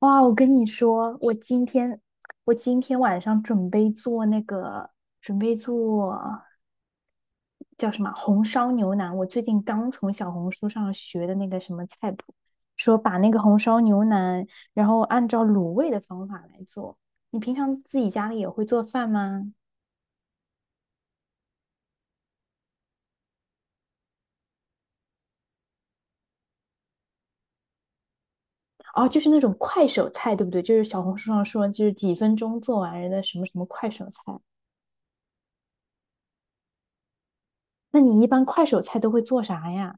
哇，我跟你说，我今天晚上准备做那个，准备做叫什么红烧牛腩。我最近刚从小红书上学的那个什么菜谱，说把那个红烧牛腩，然后按照卤味的方法来做。你平常自己家里也会做饭吗？哦，就是那种快手菜，对不对？就是小红书上说，就是几分钟做完人的什么什么快手菜。那你一般快手菜都会做啥呀？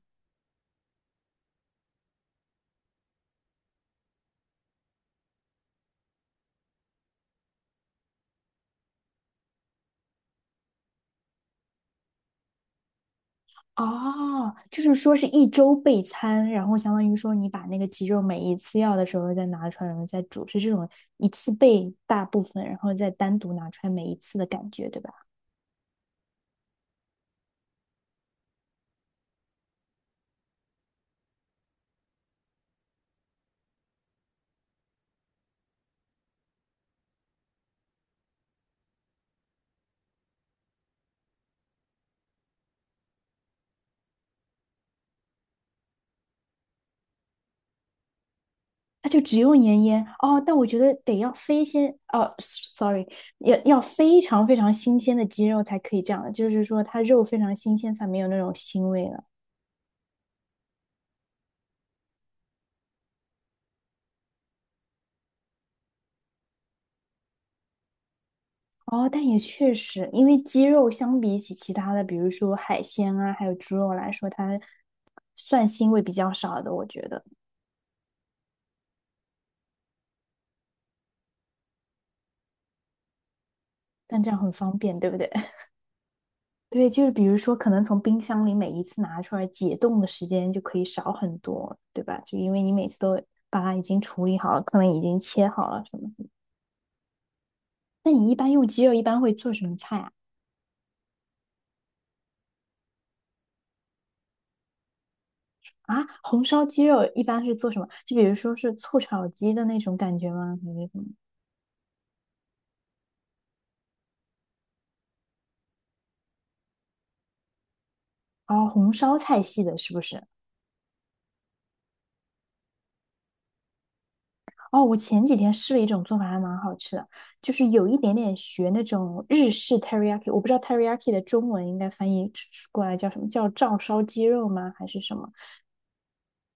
哦，就是说是一周备餐，然后相当于说你把那个鸡肉每一次要的时候再拿出来，然后再煮，是这种一次备大部分，然后再单独拿出来每一次的感觉，对吧？那就只用盐腌哦，但我觉得得要非鲜哦，sorry，要非常非常新鲜的鸡肉才可以这样，就是说它肉非常新鲜才没有那种腥味了。哦，但也确实，因为鸡肉相比起其他的，比如说海鲜啊，还有猪肉来说，它蒜腥味比较少的，我觉得。但这样很方便，对不对？对，就是比如说，可能从冰箱里每一次拿出来解冻的时间就可以少很多，对吧？就因为你每次都把它已经处理好了，可能已经切好了什么的。那你一般用鸡肉一般会做什么菜啊？啊，红烧鸡肉一般是做什么？就比如说是醋炒鸡的那种感觉吗？还是什么？哦，红烧菜系的是不是？哦，我前几天试了一种做法，还蛮好吃的，就是有一点点学那种日式 teriyaki，我不知道 teriyaki 的中文应该翻译过来叫什么，叫照烧鸡肉吗？还是什么？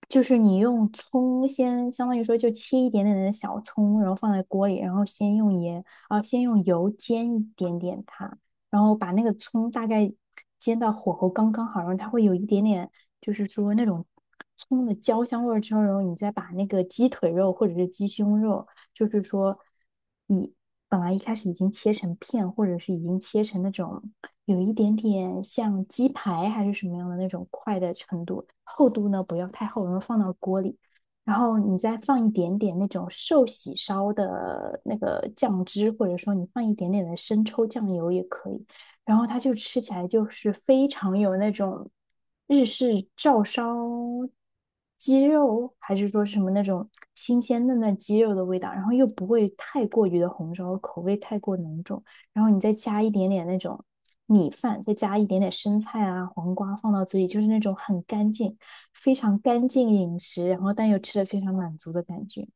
就是你用葱先，相当于说就切一点点的小葱，然后放在锅里，然后先用盐，啊，先用油煎一点点它，然后把那个葱大概煎到火候刚刚好，然后它会有一点点，就是说那种葱的焦香味儿之后，然后你再把那个鸡腿肉或者是鸡胸肉。就是说你本来一开始已经切成片，或者是已经切成那种有一点点像鸡排还是什么样的那种块的程度，厚度呢不要太厚，然后放到锅里，然后你再放一点点那种寿喜烧的那个酱汁，或者说你放一点点的生抽酱油也可以。然后它就吃起来就是非常有那种日式照烧鸡肉，还是说什么那种新鲜嫩嫩鸡肉的味道，然后又不会太过于的红烧，口味太过浓重，然后你再加一点点那种米饭，再加一点点生菜啊、黄瓜放到嘴里，就是那种很干净、非常干净饮食，然后但又吃的非常满足的感觉。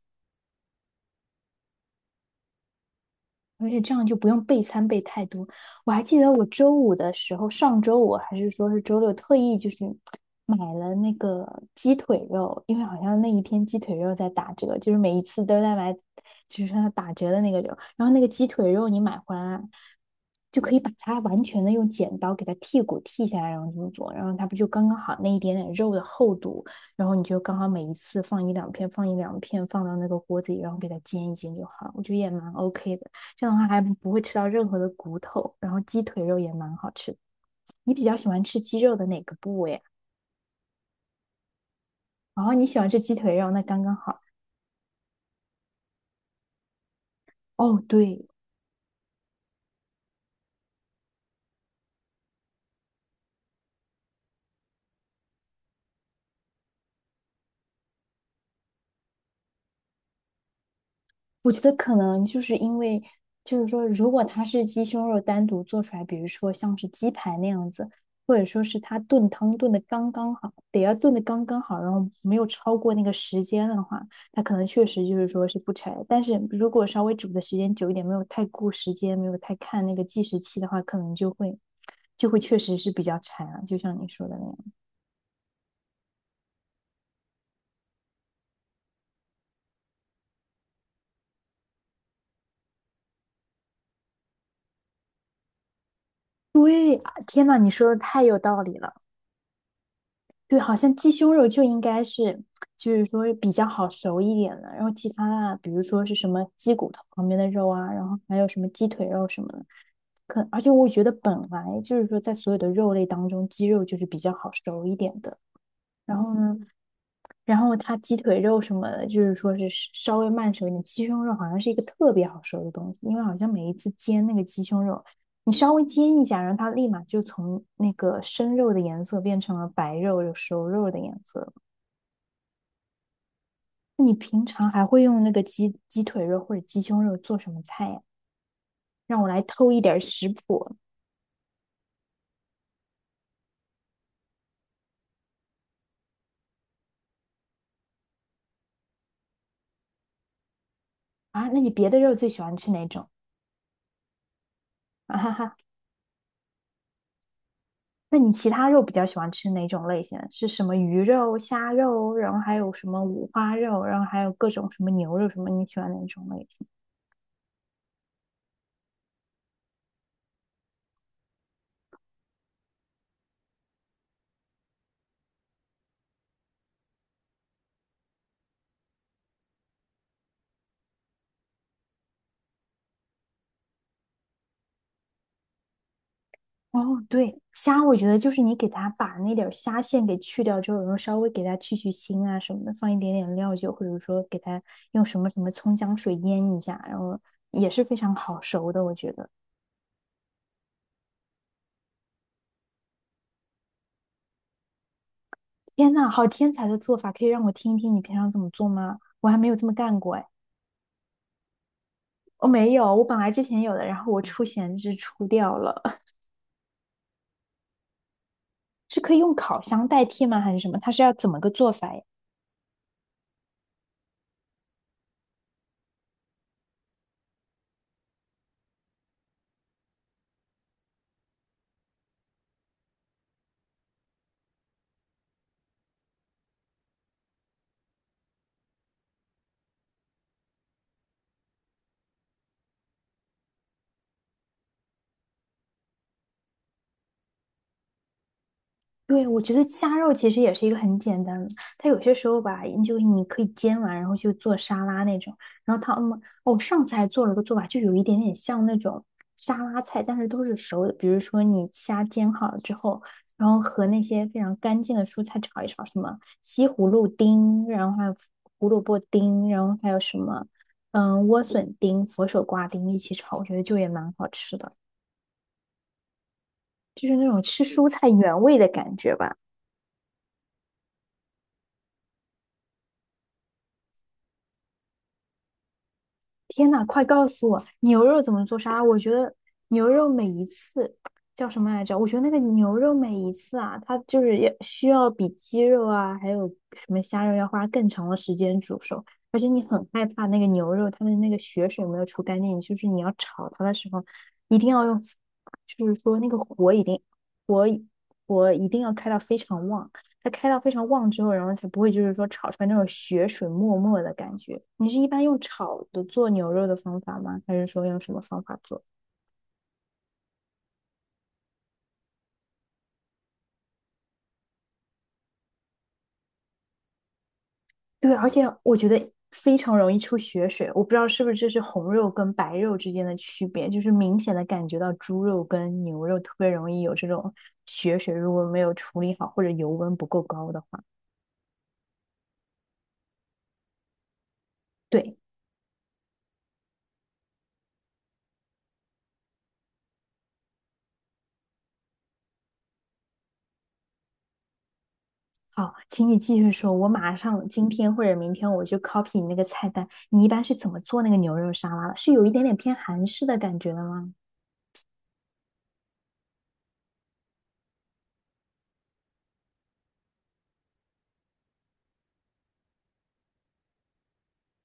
而且这样就不用备餐备太多。我还记得我周五的时候，上周五还是说是周六，特意就是买了那个鸡腿肉，因为好像那一天鸡腿肉在打折，就是每一次都在买，就是它打折的那个肉。然后那个鸡腿肉你买回来，就可以把它完全的用剪刀给它剔骨剔下来，然后这么做，然后它不就刚刚好那一点点肉的厚度，然后你就刚好每一次放一两片，放一两片，放到那个锅子里，然后给它煎一煎就好了我觉得也蛮 OK 的。这样的话还不会吃到任何的骨头，然后鸡腿肉也蛮好吃的。你比较喜欢吃鸡肉的哪个部位啊？然后你喜欢吃鸡腿肉，那刚刚好。哦，对，我觉得可能就是因为，就是说，如果它是鸡胸肉单独做出来，比如说像是鸡排那样子，或者说是它炖汤炖的刚刚好，得要炖的刚刚好，然后没有超过那个时间的话，它可能确实就是说是不柴。但是如果稍微煮的时间久一点，没有太顾时间，没有太看那个计时器的话，可能就会确实是比较柴啊，就像你说的那样。对，啊天呐，你说的太有道理了。对，好像鸡胸肉就应该是，就是说比较好熟一点的，然后其他的，比如说是什么鸡骨头旁边的肉啊，然后还有什么鸡腿肉什么的，可而且我觉得本来就是说在所有的肉类当中，鸡肉就是比较好熟一点的。然后呢，然后它鸡腿肉什么的，就是说是稍微慢熟一点，鸡胸肉好像是一个特别好熟的东西，因为好像每一次煎那个鸡胸肉，你稍微煎一下，然后它立马就从那个生肉的颜色变成了白肉有熟肉的颜色。你平常还会用那个鸡腿肉或者鸡胸肉做什么菜呀？让我来偷一点儿食谱啊！那你别的肉最喜欢吃哪种？啊哈哈，那你其他肉比较喜欢吃哪种类型？是什么鱼肉、虾肉，然后还有什么五花肉，然后还有各种什么牛肉什么？你喜欢哪种类型？哦，对，虾我觉得就是你给它把那点儿虾线给去掉之后，然后稍微给它去去腥啊什么的，放一点点料酒，或者说给它用什么什么葱姜水腌一下，然后也是非常好熟的，我觉得。天呐，好天才的做法，可以让我听一听你平常怎么做吗？我还没有这么干过哎，我没有，我本来之前有的，然后我出闲置出掉了，是可以用烤箱代替吗？还是什么？它是要怎么个做法呀？对，我觉得虾肉其实也是一个很简单的，它有些时候吧，就是你可以煎完，然后就做沙拉那种。然后它，嗯，哦，上次还做了个做法，就有一点点像那种沙拉菜，但是都是熟的。比如说你虾煎好了之后，然后和那些非常干净的蔬菜炒一炒，什么西葫芦丁，然后还有胡萝卜丁，然后还有什么，嗯，莴笋丁、佛手瓜丁一起炒，我觉得就也蛮好吃的，就是那种吃蔬菜原味的感觉吧。天呐，快告诉我牛肉怎么做沙拉？我觉得牛肉每一次叫什么来着？我觉得那个牛肉每一次啊，它就是要需要比鸡肉啊，还有什么虾肉要花更长的时间煮熟，而且你很害怕那个牛肉它的那个血水没有除干净，就是你要炒它的时候，一定要用，就是说那个火火一定要开到非常旺。它开到非常旺之后，然后才不会就是说炒出来那种血水沫沫的感觉。你是一般用炒的做牛肉的方法吗？还是说用什么方法做？对，而且我觉得非常容易出血水，我不知道是不是这是红肉跟白肉之间的区别，就是明显的感觉到猪肉跟牛肉特别容易有这种血水，如果没有处理好或者油温不够高的话。对，好，请你继续说，我马上今天或者明天我就 copy 你那个菜单。你一般是怎么做那个牛肉沙拉的？是有一点点偏韩式的感觉的吗？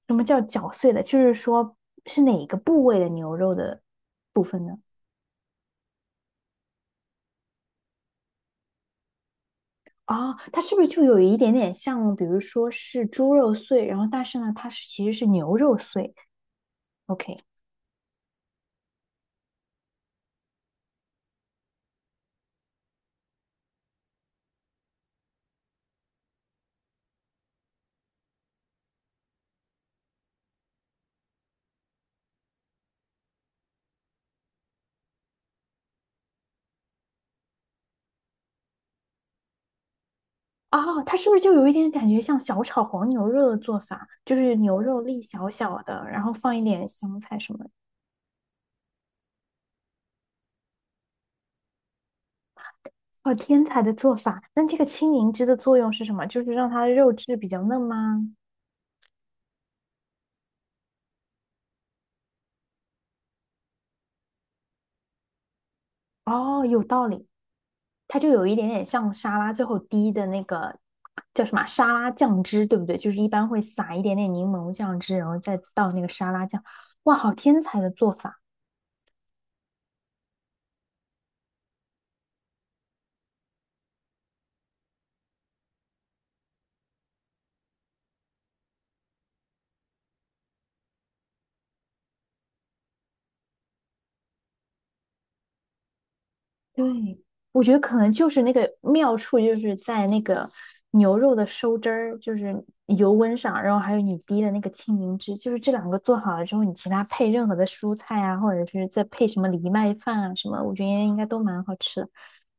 什么叫绞碎的？就是说是哪个部位的牛肉的部分呢？哦，它是不是就有一点点像，比如说是猪肉碎，然后但是呢，它是其实是牛肉碎。OK，哦，它是不是就有一点感觉像小炒黄牛肉的做法？就是牛肉粒小小的，然后放一点香菜什么的。哦，天才的做法！那这个青柠汁的作用是什么？就是让它的肉质比较嫩吗？哦，有道理，它就有一点点像沙拉最后滴的那个叫什么啊沙拉酱汁，对不对？就是一般会撒一点点柠檬酱汁，然后再倒那个沙拉酱。哇，好天才的做法！对，我觉得可能就是那个妙处，就是在那个牛肉的收汁儿，就是油温上，然后还有你滴的那个青柠汁，就是这两个做好了之后，你其他配任何的蔬菜啊，或者是再配什么藜麦饭啊什么，我觉得应该都蛮好吃的。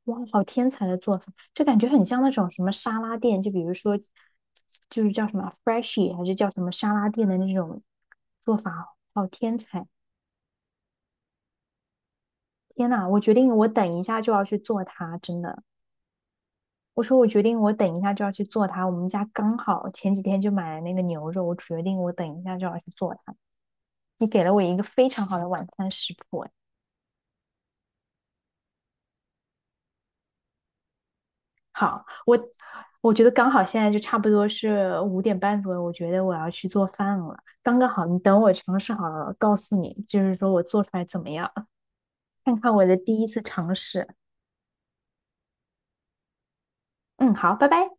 哇，好天才的做法！这感觉很像那种什么沙拉店，就比如说，就是叫什么 Freshie 还是叫什么沙拉店的那种做法，好天才！天呐，我决定我等一下就要去做它，真的。我说我决定，我等一下就要去做它。我们家刚好前几天就买了那个牛肉，我决定我等一下就要去做它。你给了我一个非常好的晚餐食谱，哎好，我觉得刚好现在就差不多是5:30左右，我觉得我要去做饭了，刚刚好。你等我尝试好了，告诉你，就是说我做出来怎么样，看看我的第一次尝试。嗯，好，拜拜。